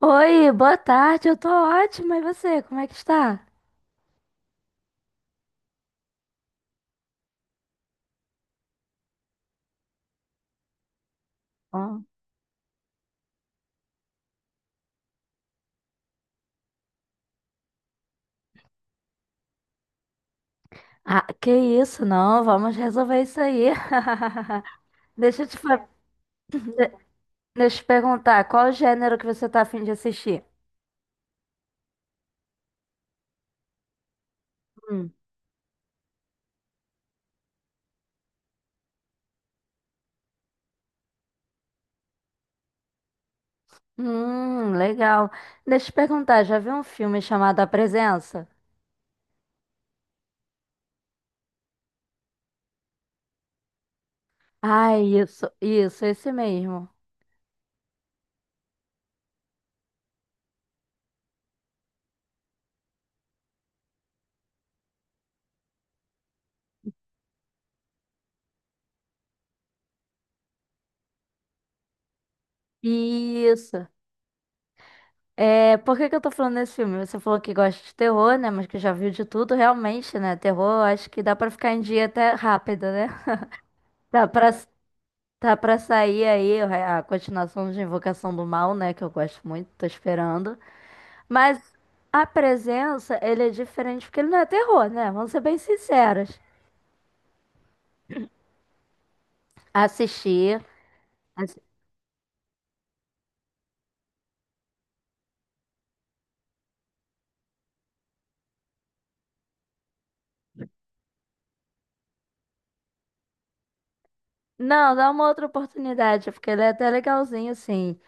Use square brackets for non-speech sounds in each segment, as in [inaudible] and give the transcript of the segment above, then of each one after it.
Oi, boa tarde, eu tô ótima, e você, como é que está? Ah, Ah, que isso, não, vamos resolver isso aí. [laughs] Deixa eu te, fa- Deixa eu te perguntar, qual o gênero que você tá afim de assistir? Hum. Legal. Deixa eu te perguntar, já viu um filme chamado A Presença? Ah, isso, esse mesmo. Isso. É, por que que eu tô falando desse filme? Você falou que gosta de terror, né? Mas que já viu de tudo, realmente, né? Terror, acho que dá pra ficar em dia até rápido, né? Dá pra, Tá pra sair aí a continuação de Invocação do Mal, né? Que eu gosto muito, tô esperando. Mas a presença, ele é diferente porque ele não é terror, né? Vamos ser bem sinceras. Assistir. assi- Não, dá uma outra oportunidade, porque ele é até legalzinho, assim.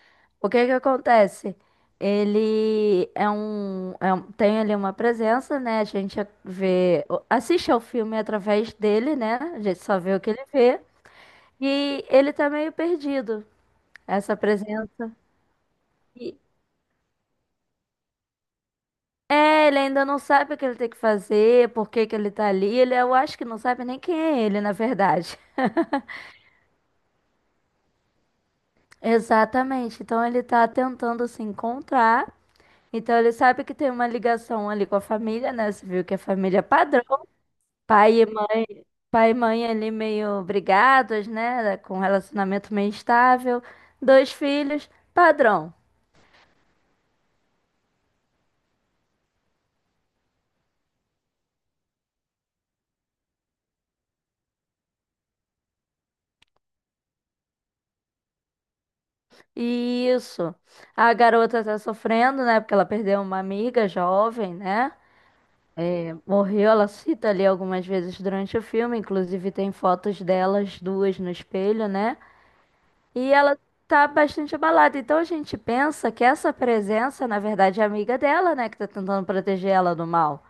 O que que acontece? Ele é um- Tem ali uma presença, né? A gente vê, assiste ao filme através dele, né? A gente só vê o que ele vê. E ele tá meio perdido. Essa presença. E, É, ele ainda não sabe o que ele tem que fazer, por que que ele tá ali. Ele, eu acho que não sabe nem quem é ele, na verdade. [laughs] Exatamente. Então ele tá tentando se encontrar. Então ele sabe que tem uma ligação ali com a família, né? Você viu que a família é padrão. Pai e mãe, pai e mãe ali meio brigados, né? Com um relacionamento meio estável. Dois filhos, padrão. Isso. A garota tá sofrendo, né? Porque ela perdeu uma amiga jovem, né? Morreu, ela cita ali algumas vezes durante o filme, inclusive tem fotos delas duas no espelho, né? E ela tá bastante abalada. Então a gente pensa que essa presença, na verdade, é a amiga dela, né? Que tá tentando proteger ela do mal.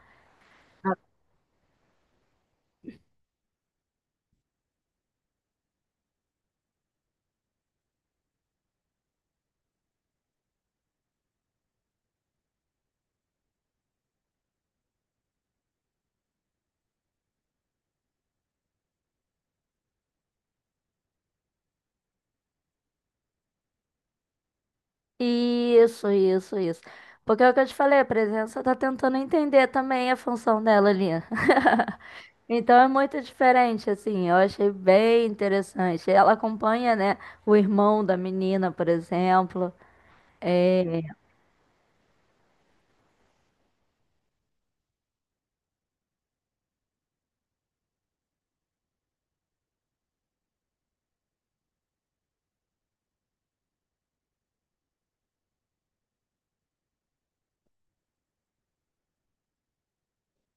Isso, isso, isso. Porque é o que eu te falei, a presença tá tentando entender também a função dela ali. [laughs] Então é muito diferente, assim, eu achei bem interessante. Ela acompanha, né, o irmão da menina, por exemplo. É,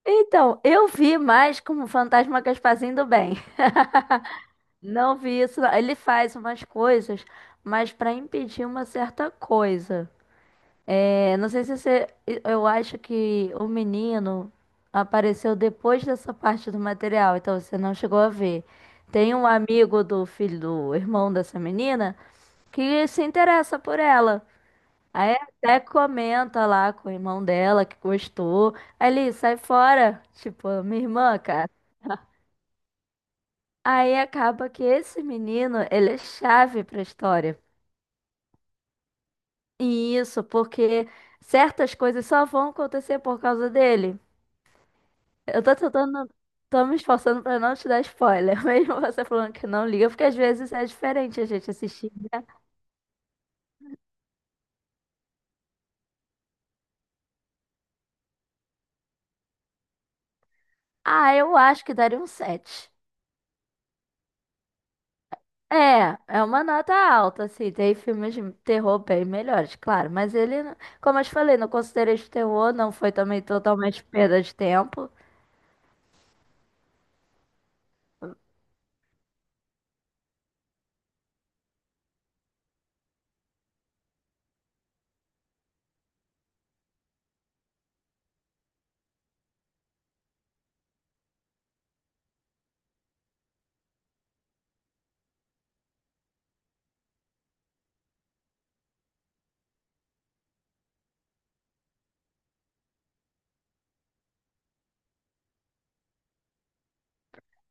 Então, eu vi mais como Fantasma Gasparzinho do Bem. [laughs] Não vi isso. Não. Ele faz umas coisas, mas para impedir uma certa coisa. É, não sei se você. Eu acho que o menino apareceu depois dessa parte do material, então você não chegou a ver. Tem um amigo do filho do irmão dessa menina que se interessa por ela. Aí até comenta lá com o irmão dela que gostou. Aí ele sai fora, tipo, minha irmã, cara. Aí acaba que esse menino, ele é chave pra história. E isso porque certas coisas só vão acontecer por causa dele. Eu tô tentando, não- Tô me esforçando pra não te dar spoiler, [laughs] mesmo você falando que não liga, porque às vezes é diferente a gente assistir. Ah, eu acho que daria um 7. É, é uma nota alta, assim. Tem filmes de terror bem melhores, claro. Mas ele, não- Como eu te falei, não considerei de terror, não foi também totalmente perda de tempo.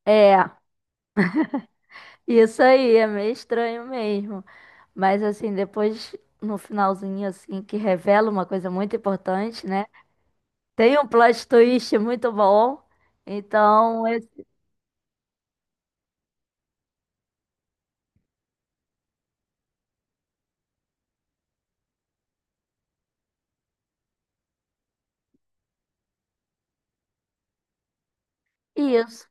É. Isso aí, é meio estranho mesmo. Mas assim, depois, no finalzinho, assim, que revela uma coisa muito importante, né? Tem um plot twist muito bom. Então, é- isso.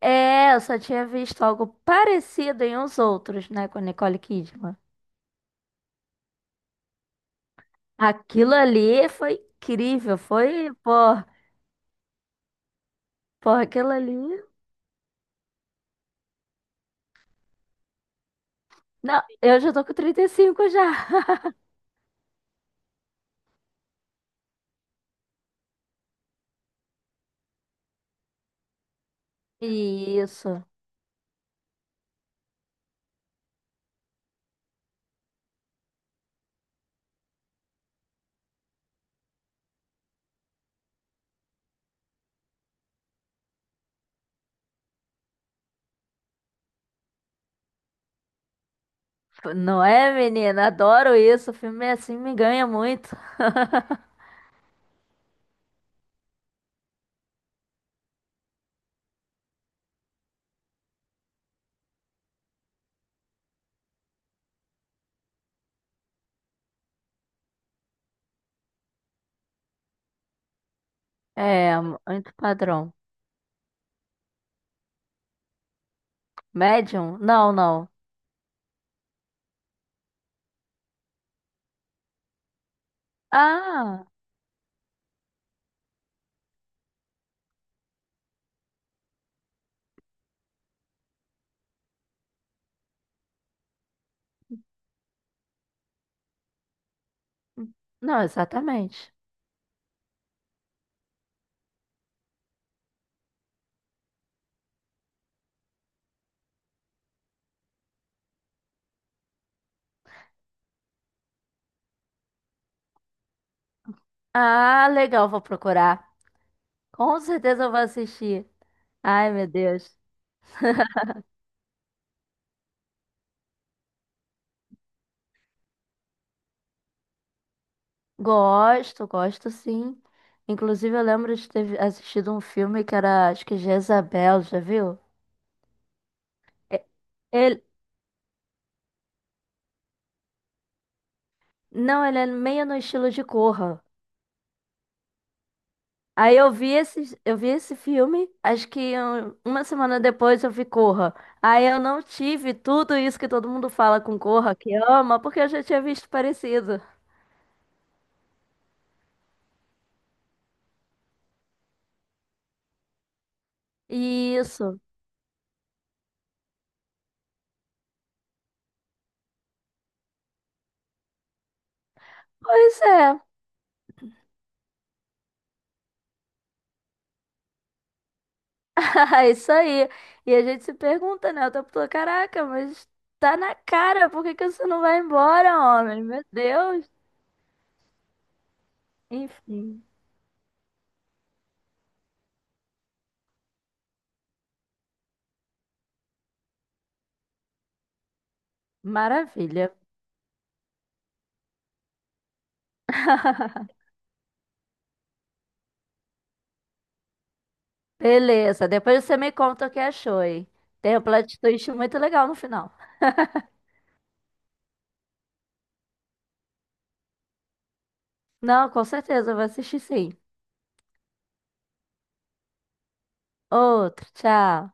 É, eu só tinha visto algo parecido em Os Outros, né? Com a Nicole Kidman. Aquilo ali foi incrível, foi, pô, pô, aquilo ali. Não, eu já tô com 35 já. Isso. Não é, menina? Adoro isso. O filme assim me ganha muito. [laughs] É, antipadrão. Médium? Não, não. Ah, não, exatamente. Ah, legal, vou procurar. Com certeza eu vou assistir. Ai, meu Deus. Gosto, gosto sim. Inclusive, eu lembro de ter assistido um filme que era, acho que Jezabel, já viu? E- Ele, não, ele é meio no estilo de Corra. Aí eu vi esse filme, acho que uma semana depois eu vi Corra. Aí eu não tive tudo isso que todo mundo fala com Corra, que ama, porque eu já tinha visto parecido. Isso. Pois é. [laughs] É isso aí. E a gente se pergunta, né? O tempo todo, caraca, mas tá na cara, por que que você não vai embora, homem? Meu Deus. Enfim, maravilha. [laughs] Beleza, depois você me conta o que achou, hein? Tem um plot twist muito legal no final. Não, com certeza, eu vou assistir sim. Outro, tchau.